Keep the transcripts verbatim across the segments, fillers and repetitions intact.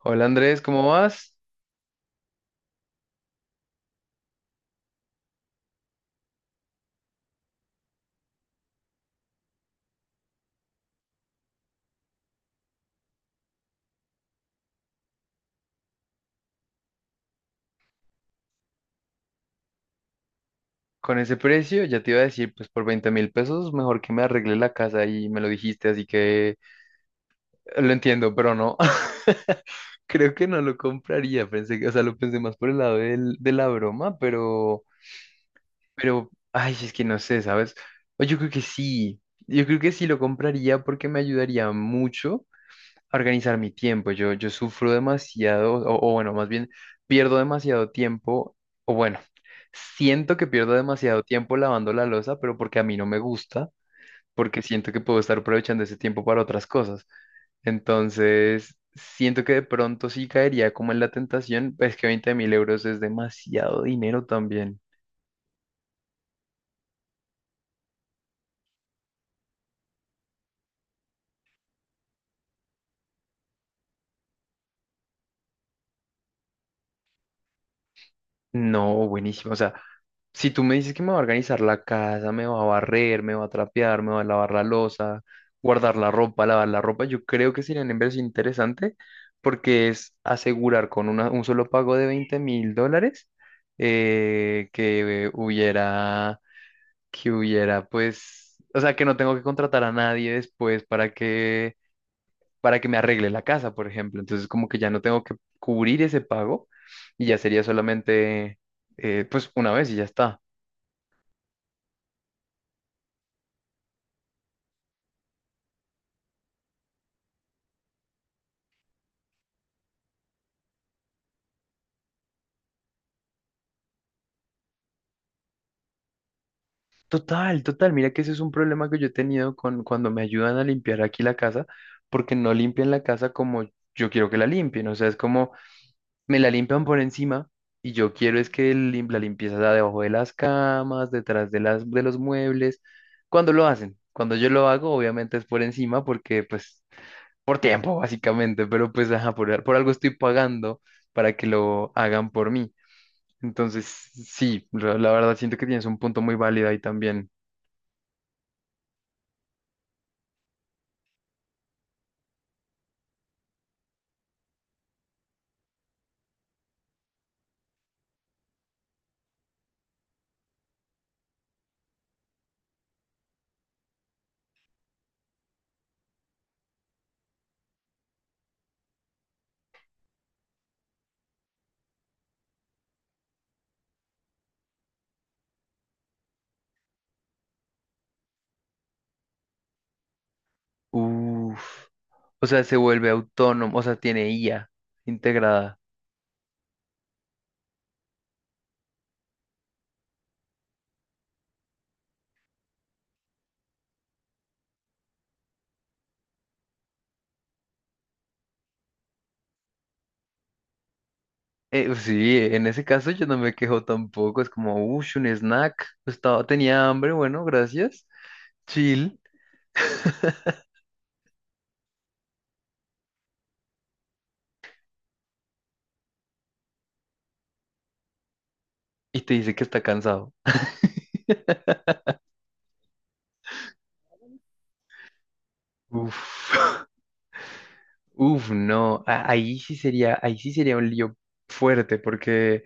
Hola Andrés, ¿cómo vas? Con ese precio, ya te iba a decir, pues por veinte mil pesos, mejor que me arregle la casa y me lo dijiste, así que eh, lo entiendo, pero no, creo que no lo compraría, pensé que, o sea, lo pensé más por el lado del- de la broma, pero, pero, ay, es que no sé, ¿sabes? O Yo creo que sí, yo creo que sí lo compraría porque me ayudaría mucho a organizar mi tiempo. Yo, yo sufro demasiado, o, o bueno, más bien pierdo demasiado tiempo, o bueno, siento que pierdo demasiado tiempo lavando la losa, pero porque a mí no me gusta, porque siento que puedo estar aprovechando ese tiempo para otras cosas. Entonces, siento que de pronto sí caería como en la tentación, es que veinte mil euros es demasiado dinero también. No, buenísimo. O sea, si tú me dices que me va a organizar la casa, me va a barrer, me va a trapear, me va a lavar la losa, guardar la ropa, lavar la ropa, yo creo que sería una inversión interesante porque es asegurar con una- un solo pago de veinte mil dólares, eh, que hubiera, que hubiera, pues, o sea, que no tengo que contratar a nadie después para que para que me arregle la casa, por ejemplo. Entonces, como que ya no tengo que cubrir ese pago y ya sería solamente, eh, pues, una vez y ya está. Total, total. Mira que ese es un problema que yo he tenido con cuando me ayudan a limpiar aquí la casa, porque no limpian la casa como yo quiero que la limpien. O sea, es como me la limpian por encima y yo quiero es que el lim- la limpieza sea debajo de las camas, detrás de las, de los muebles. Cuando lo hacen, cuando yo lo hago, obviamente es por encima porque, pues, por tiempo, básicamente, pero pues ajá, por, por algo estoy pagando para que lo hagan por mí. Entonces, sí, la, la verdad siento que tienes un punto muy válido ahí también. Uf, o sea, se vuelve autónomo, o sea, tiene I A integrada. Eh, pues, sí, en ese caso yo no me quejo tampoco, es como, uff, un snack, estaba, tenía hambre, bueno, gracias, chill, y te dice que está cansado. Uf, uf, no, a- ahí sí sería, ahí sí sería un lío fuerte, porque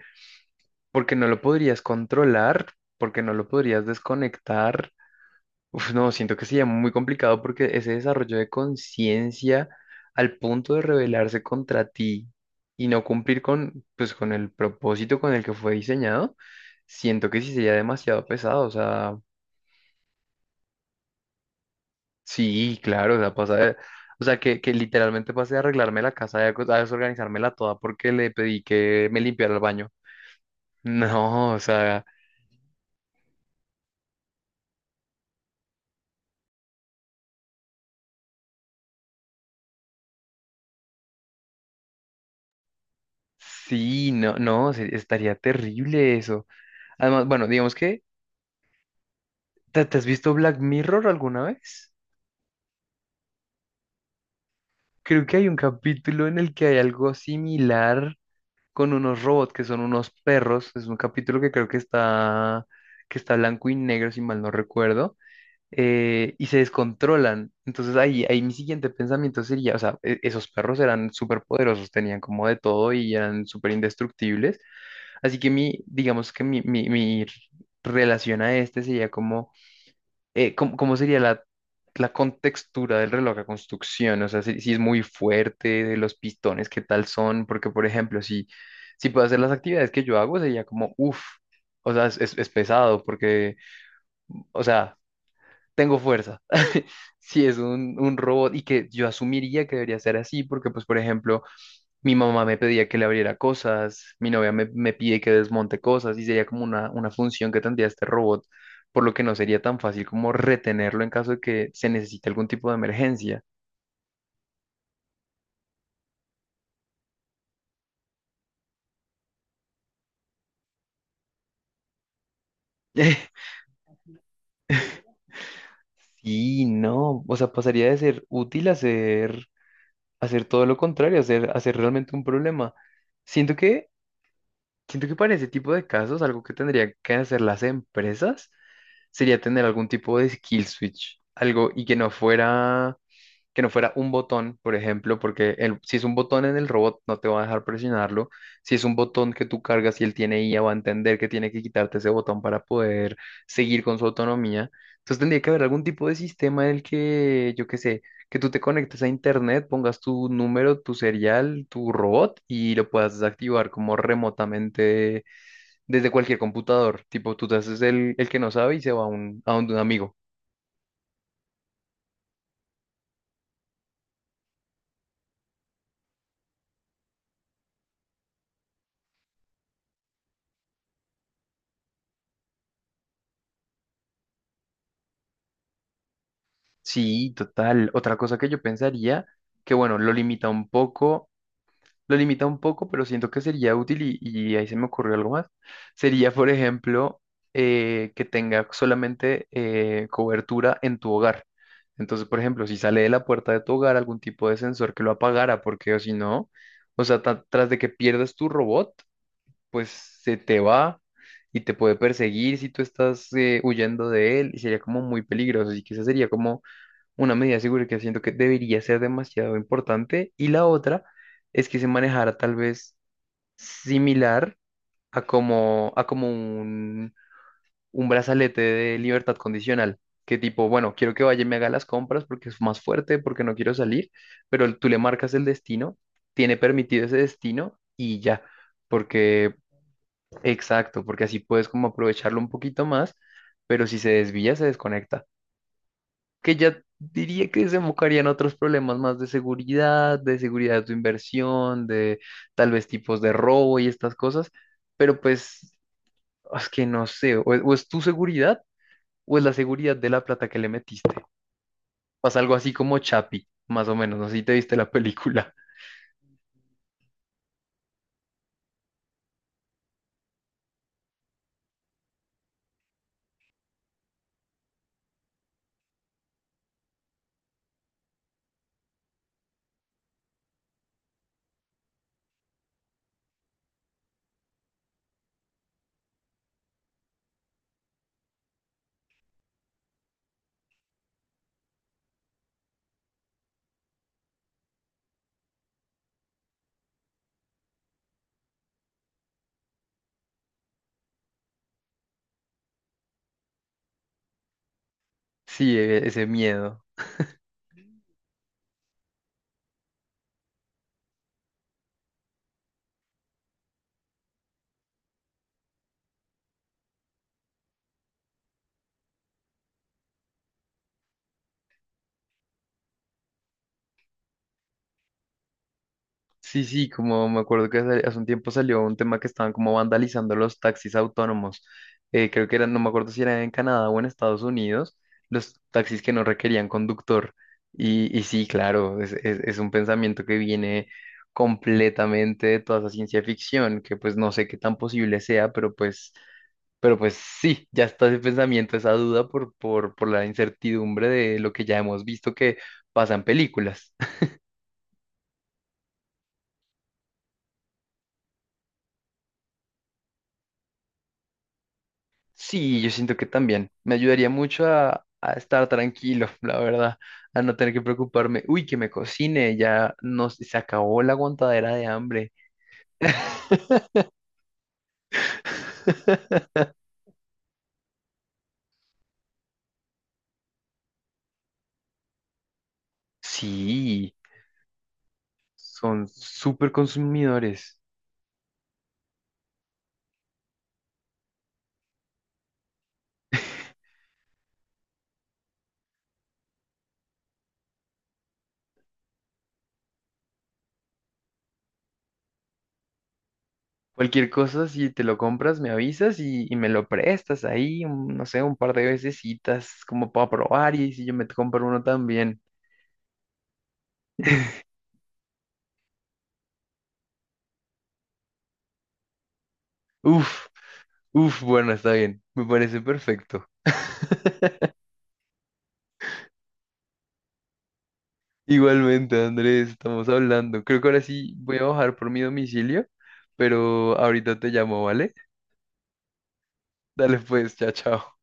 porque no lo podrías controlar, porque no lo podrías desconectar. Uf, no, siento que sería muy complicado porque ese desarrollo de conciencia al punto de rebelarse contra ti y no cumplir con, pues, con el propósito con el que fue diseñado, siento que sí sería demasiado pesado. O sea, sí, claro, o sea, pasa de- o sea, que, que literalmente pase de arreglarme la casa, de a desorganizármela toda porque le pedí que me limpiara el baño. No, o sea. Sí, no, no, se- estaría terrible eso. Además, bueno, digamos que, ¿te, te has visto Black Mirror alguna vez? Creo que hay un capítulo en el que hay algo similar con unos robots que son unos perros. Es un capítulo que creo que está, que está blanco y negro, si mal no recuerdo, eh, y se descontrolan. Entonces ahí, ahí mi siguiente pensamiento sería, o sea, e- esos perros eran súper poderosos, tenían como de todo y eran súper indestructibles. Así que mi, digamos que mi, mi, mi relación a este sería como, eh, cómo, cómo sería la, la contextura del reloj a construcción, o sea, si, si es muy fuerte, de los pistones, qué tal son, porque por ejemplo, si, si puedo hacer las actividades que yo hago, sería como, uff, o sea, es, es es pesado, porque, o sea, tengo fuerza. Si es un, un robot y que yo asumiría que debería ser así, porque pues por ejemplo mi mamá me pedía que le abriera cosas, mi novia me, me pide que desmonte cosas y sería como una, una función que tendría este robot, por lo que no sería tan fácil como retenerlo en caso de que se necesite algún tipo de emergencia. Sí, no, o sea, pasaría de ser útil a ser, a ser todo lo contrario, a ser, a ser realmente un problema. Siento que, siento que para ese tipo de casos, algo que tendrían que hacer las empresas sería tener algún tipo de skill switch, algo y que no fuera que no fuera un botón, por ejemplo, porque el- si es un botón en el robot no te va a dejar presionarlo. Si es un botón que tú cargas y él tiene I A, va a entender que tiene que quitarte ese botón para poder seguir con su autonomía. Entonces tendría que haber algún tipo de sistema en el que, yo qué sé, que tú te conectes a internet, pongas tu número, tu serial, tu robot y lo puedas desactivar como remotamente desde cualquier computador. Tipo, tú te haces el, el que no sabe y se va a un, a un, amigo. Sí, total. Otra cosa que yo pensaría, que bueno, lo limita un poco, lo limita un poco, pero siento que sería útil y, y ahí se me ocurrió algo más. Sería, por ejemplo, eh, que tenga solamente eh, cobertura en tu hogar. Entonces, por ejemplo, si sale de la puerta de tu hogar algún tipo de sensor que lo apagara, porque o si no, o sea, ta- tras de que pierdas tu robot, pues se te va y te puede perseguir si tú estás eh, huyendo de él y sería como muy peligroso. Así que esa sería como una medida de seguridad que siento que debería ser demasiado importante y la otra es que se manejara tal vez similar a como, a como un, un brazalete de libertad condicional, que tipo, bueno, quiero que vaya y me haga las compras porque es más fuerte, porque no quiero salir, pero tú le marcas el destino, tiene permitido ese destino y ya, porque, exacto, porque así puedes como aprovecharlo un poquito más, pero si se desvía, se desconecta que ya diría que desembocarían otros problemas más de seguridad, de seguridad de tu inversión, de tal vez tipos de robo y estas cosas, pero pues es que no sé, o, o es tu seguridad o es la seguridad de la plata que le metiste. Pasa algo así como Chapi, más o menos, no sé si te viste la película. Sí, e- ese miedo. Sí, sí, como me acuerdo que hace hace un tiempo salió un tema que estaban como vandalizando los taxis autónomos. Eh, creo que eran, no me acuerdo si era en Canadá o en Estados Unidos, los taxis que no requerían conductor. Y, y sí, claro, es, es, es un pensamiento que viene completamente de toda esa ciencia ficción, que pues no sé qué tan posible sea, pero pues, pero pues, sí, ya está ese pensamiento, esa duda por, por, por la incertidumbre de lo que ya hemos visto que pasa en películas. Sí, yo siento que también. Me ayudaría mucho a, a estar tranquilo, la verdad, a no tener que preocuparme. Uy, que me cocine, ya no, se acabó la aguantadera de hambre. Sí, son súper consumidores. Cualquier cosa, si te lo compras, me avisas y, y me lo prestas ahí, un- no sé, un par de vecesitas como para probar y si yo me compro uno también. Uf, uf, bueno, está bien, me parece perfecto. Igualmente, Andrés, estamos hablando. Creo que ahora sí voy a bajar por mi domicilio, pero ahorita te llamo, ¿vale? Dale pues, chao, chao.